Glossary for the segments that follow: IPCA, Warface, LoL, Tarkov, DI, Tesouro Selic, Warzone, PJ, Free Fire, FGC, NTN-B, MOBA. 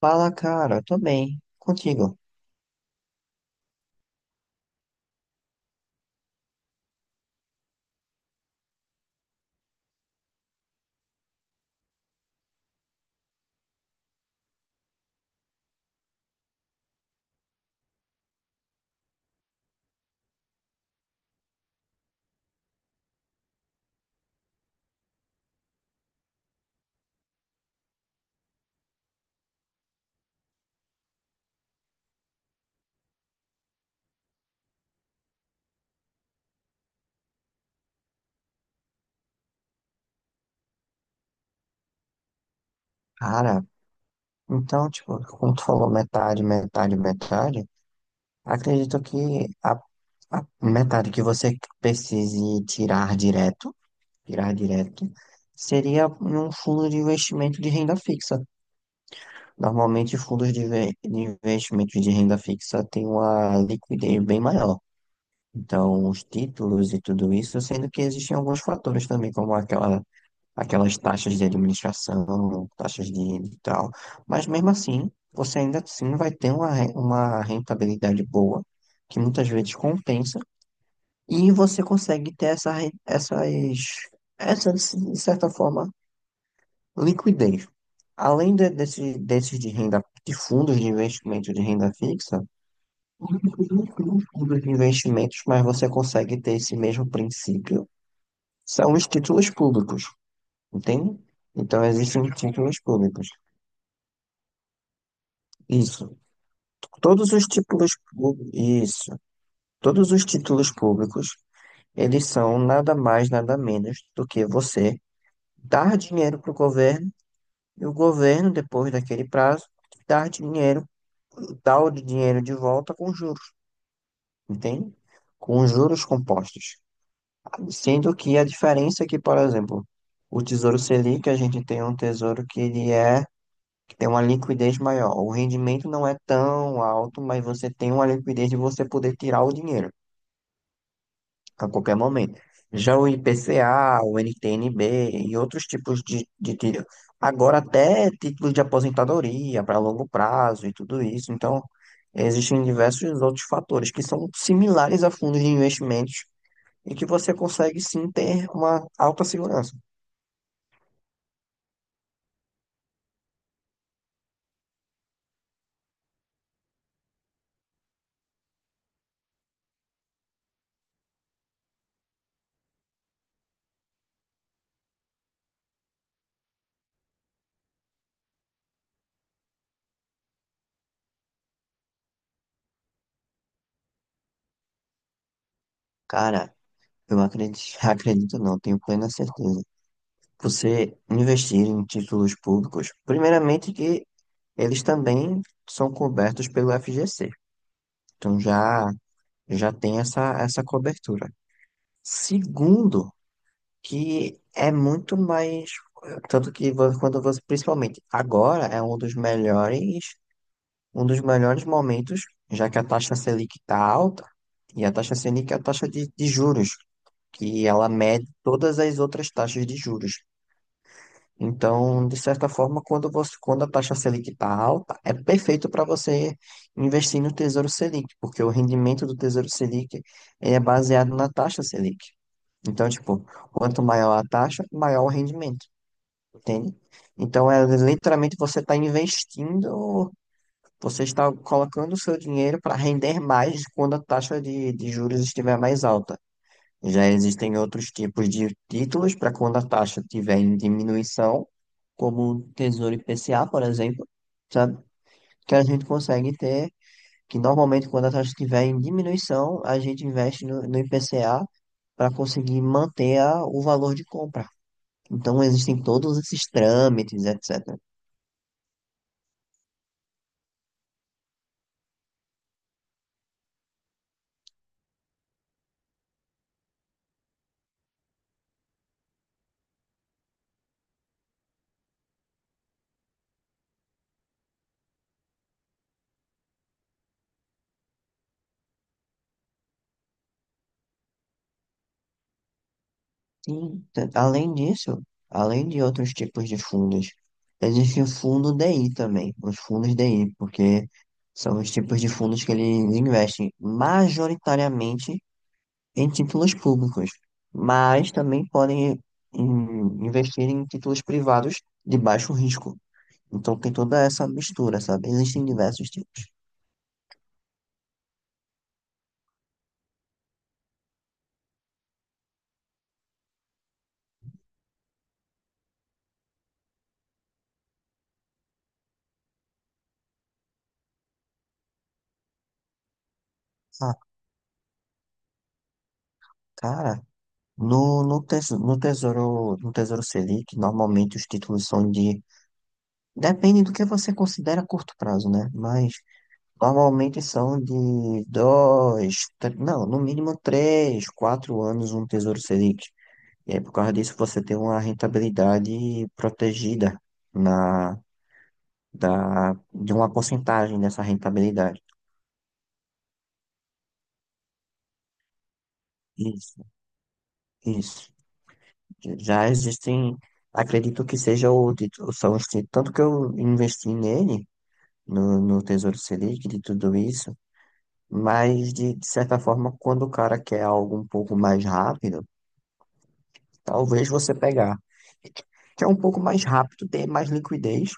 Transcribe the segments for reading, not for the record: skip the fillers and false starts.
Fala, cara, tô bem. Contigo. Cara, então, tipo, como tu falou metade, metade, metade, acredito que a, a metade que você precise tirar direto, seria em um fundo de investimento de renda fixa. Normalmente, fundos de investimento de renda fixa têm uma liquidez bem maior. Então, os títulos e tudo isso, sendo que existem alguns fatores também, como aquelas taxas de administração, taxas de tal. Mas mesmo assim, você ainda assim vai ter uma rentabilidade boa, que muitas vezes compensa, e você consegue ter essa, de certa forma, liquidez. Desses de renda, de fundos de investimento de renda fixa, os fundos de investimentos, mas você consegue ter esse mesmo princípio, são os títulos públicos. Entende? Então existem títulos públicos. Isso. Todos os títulos públicos, isso. Todos os títulos públicos, eles são nada mais, nada menos do que você dar dinheiro para o governo e o governo, depois daquele prazo, dar dinheiro, dar o dinheiro de volta com juros, entende? Com juros compostos. Sendo que a diferença é que, por exemplo, o Tesouro Selic, a gente tem um tesouro que ele é. Tem uma liquidez maior. O rendimento não é tão alto, mas você tem uma liquidez de você poder tirar o dinheiro a qualquer momento. Já o IPCA, o NTN-B e outros tipos de tiro. Agora até títulos de aposentadoria para longo prazo e tudo isso. Então, existem diversos outros fatores que são similares a fundos de investimentos e que você consegue sim ter uma alta segurança. Cara, eu acredito, acredito não, tenho plena certeza você investir em títulos públicos, primeiramente que eles também são cobertos pelo FGC. Então já tem essa cobertura. Segundo, que é muito mais tanto que quando você principalmente agora é um dos melhores, um dos melhores momentos, já que a taxa Selic está alta e a taxa Selic é a taxa de juros, que ela mede todas as outras taxas de juros. Então, de certa forma, quando a taxa Selic está alta, é perfeito para você investir no Tesouro Selic, porque o rendimento do Tesouro Selic ele é baseado na taxa Selic. Então, tipo, quanto maior a taxa, maior o rendimento, entende? Então, é literalmente você está investindo, você está colocando o seu dinheiro para render mais quando a taxa de juros estiver mais alta. Já existem outros tipos de títulos para quando a taxa estiver em diminuição, como o Tesouro IPCA, por exemplo, sabe? Que a gente consegue ter, que normalmente quando a taxa estiver em diminuição, a gente investe no IPCA para conseguir manter o valor de compra. Então existem todos esses trâmites, etc. Sim, além disso, além de outros tipos de fundos, existe o fundo DI também, os fundos DI, porque são os tipos de fundos que eles investem majoritariamente em títulos públicos, mas também podem investir em títulos privados de baixo risco. Então tem toda essa mistura, sabe? Existem diversos tipos. Ah, cara, no Tesouro Selic, normalmente os títulos são de. Depende do que você considera curto prazo, né? Mas normalmente são de dois, tre- não, no mínimo 3, 4 anos um Tesouro Selic. E aí, por causa disso, você tem uma rentabilidade protegida na, da, de uma porcentagem dessa rentabilidade. Isso, isso. Já existem, acredito que seja são tanto que eu investi nele, no Tesouro Selic, de tudo isso. Mas, de certa forma, quando o cara quer algo um pouco mais rápido, talvez você pegar. Que é um pouco mais rápido, tem mais liquidez.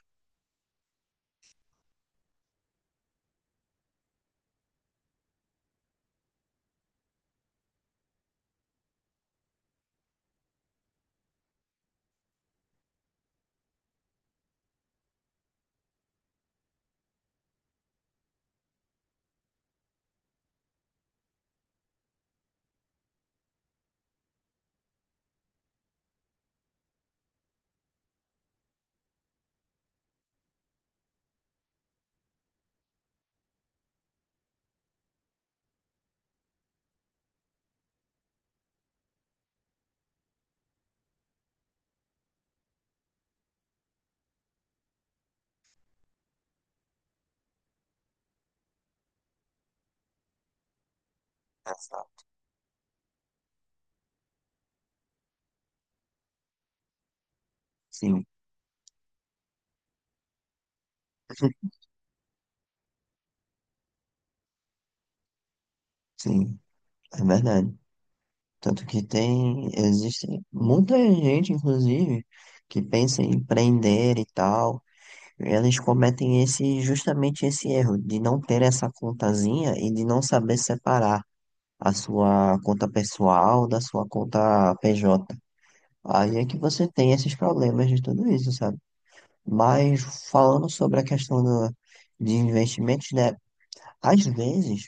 Essa- Sim, sim, é verdade. Tanto que tem, existe muita gente, inclusive, que pensa em empreender e tal. Eles cometem esse, justamente esse erro de não ter essa contazinha e de não saber separar a sua conta pessoal da sua conta PJ. Aí é que você tem esses problemas de tudo isso, sabe? Mas falando sobre a questão do, de investimentos, né? Às vezes,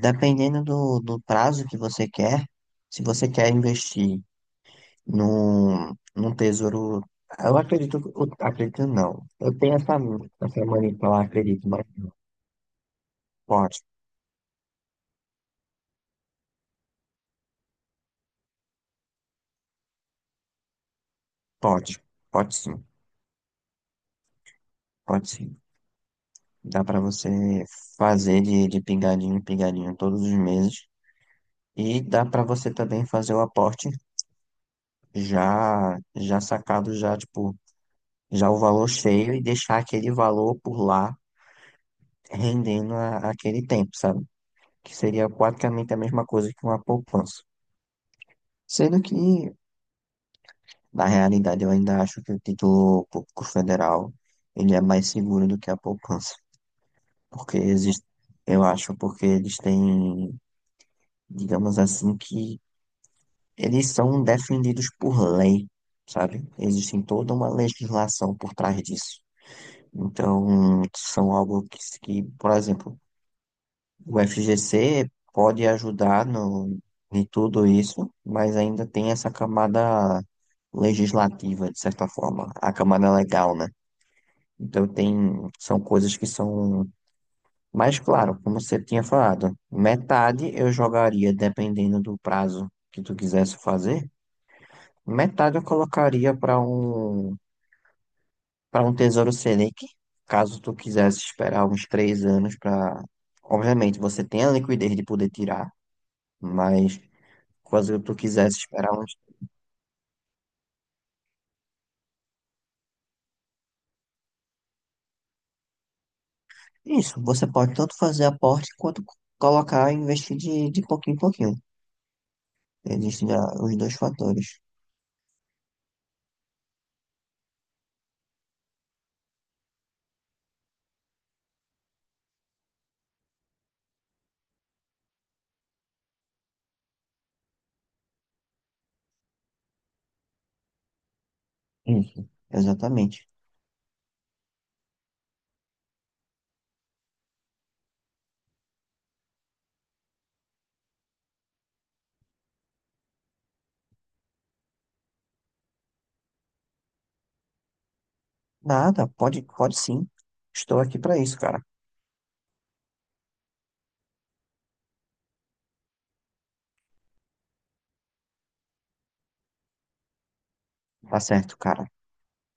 dependendo do prazo que você quer, se você quer investir num tesouro. Eu acredito não. Eu tenho essa, essa mania de falar acredito, mas não. Pode, pode, pode sim, pode sim. Dá pra você fazer de pingadinho em pingadinho todos os meses. E dá pra você também fazer o aporte já já sacado já tipo já o valor cheio e deixar aquele valor por lá rendendo aquele tempo, sabe? Que seria praticamente a mesma coisa que uma poupança. Sendo que na realidade eu ainda acho que o título público federal ele é mais seguro do que a poupança, porque existe, eu acho, porque eles têm, digamos assim, que eles são defendidos por lei, sabe? Existe toda uma legislação por trás disso. Então, são algo que por exemplo, o FGC pode ajudar no, em tudo isso, mas ainda tem essa camada legislativa, de certa forma, a camada legal, né? Então, tem, são coisas que são mais claro, como você tinha falado. Metade eu jogaria, dependendo do prazo que tu quisesse fazer, metade eu colocaria para um Tesouro Selic, caso tu quisesse esperar uns 3 anos para. Obviamente, você tem a liquidez de poder tirar, mas caso tu quisesse esperar uns. Isso, você pode tanto fazer aporte quanto colocar e investir de pouquinho em pouquinho. Existem já os dois fatores. Isso, exatamente. Nada, pode, pode sim. Estou aqui para isso, cara. Tá certo, cara.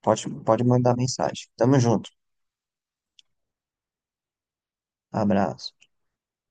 Pode, pode mandar mensagem. Tamo junto. Abraço.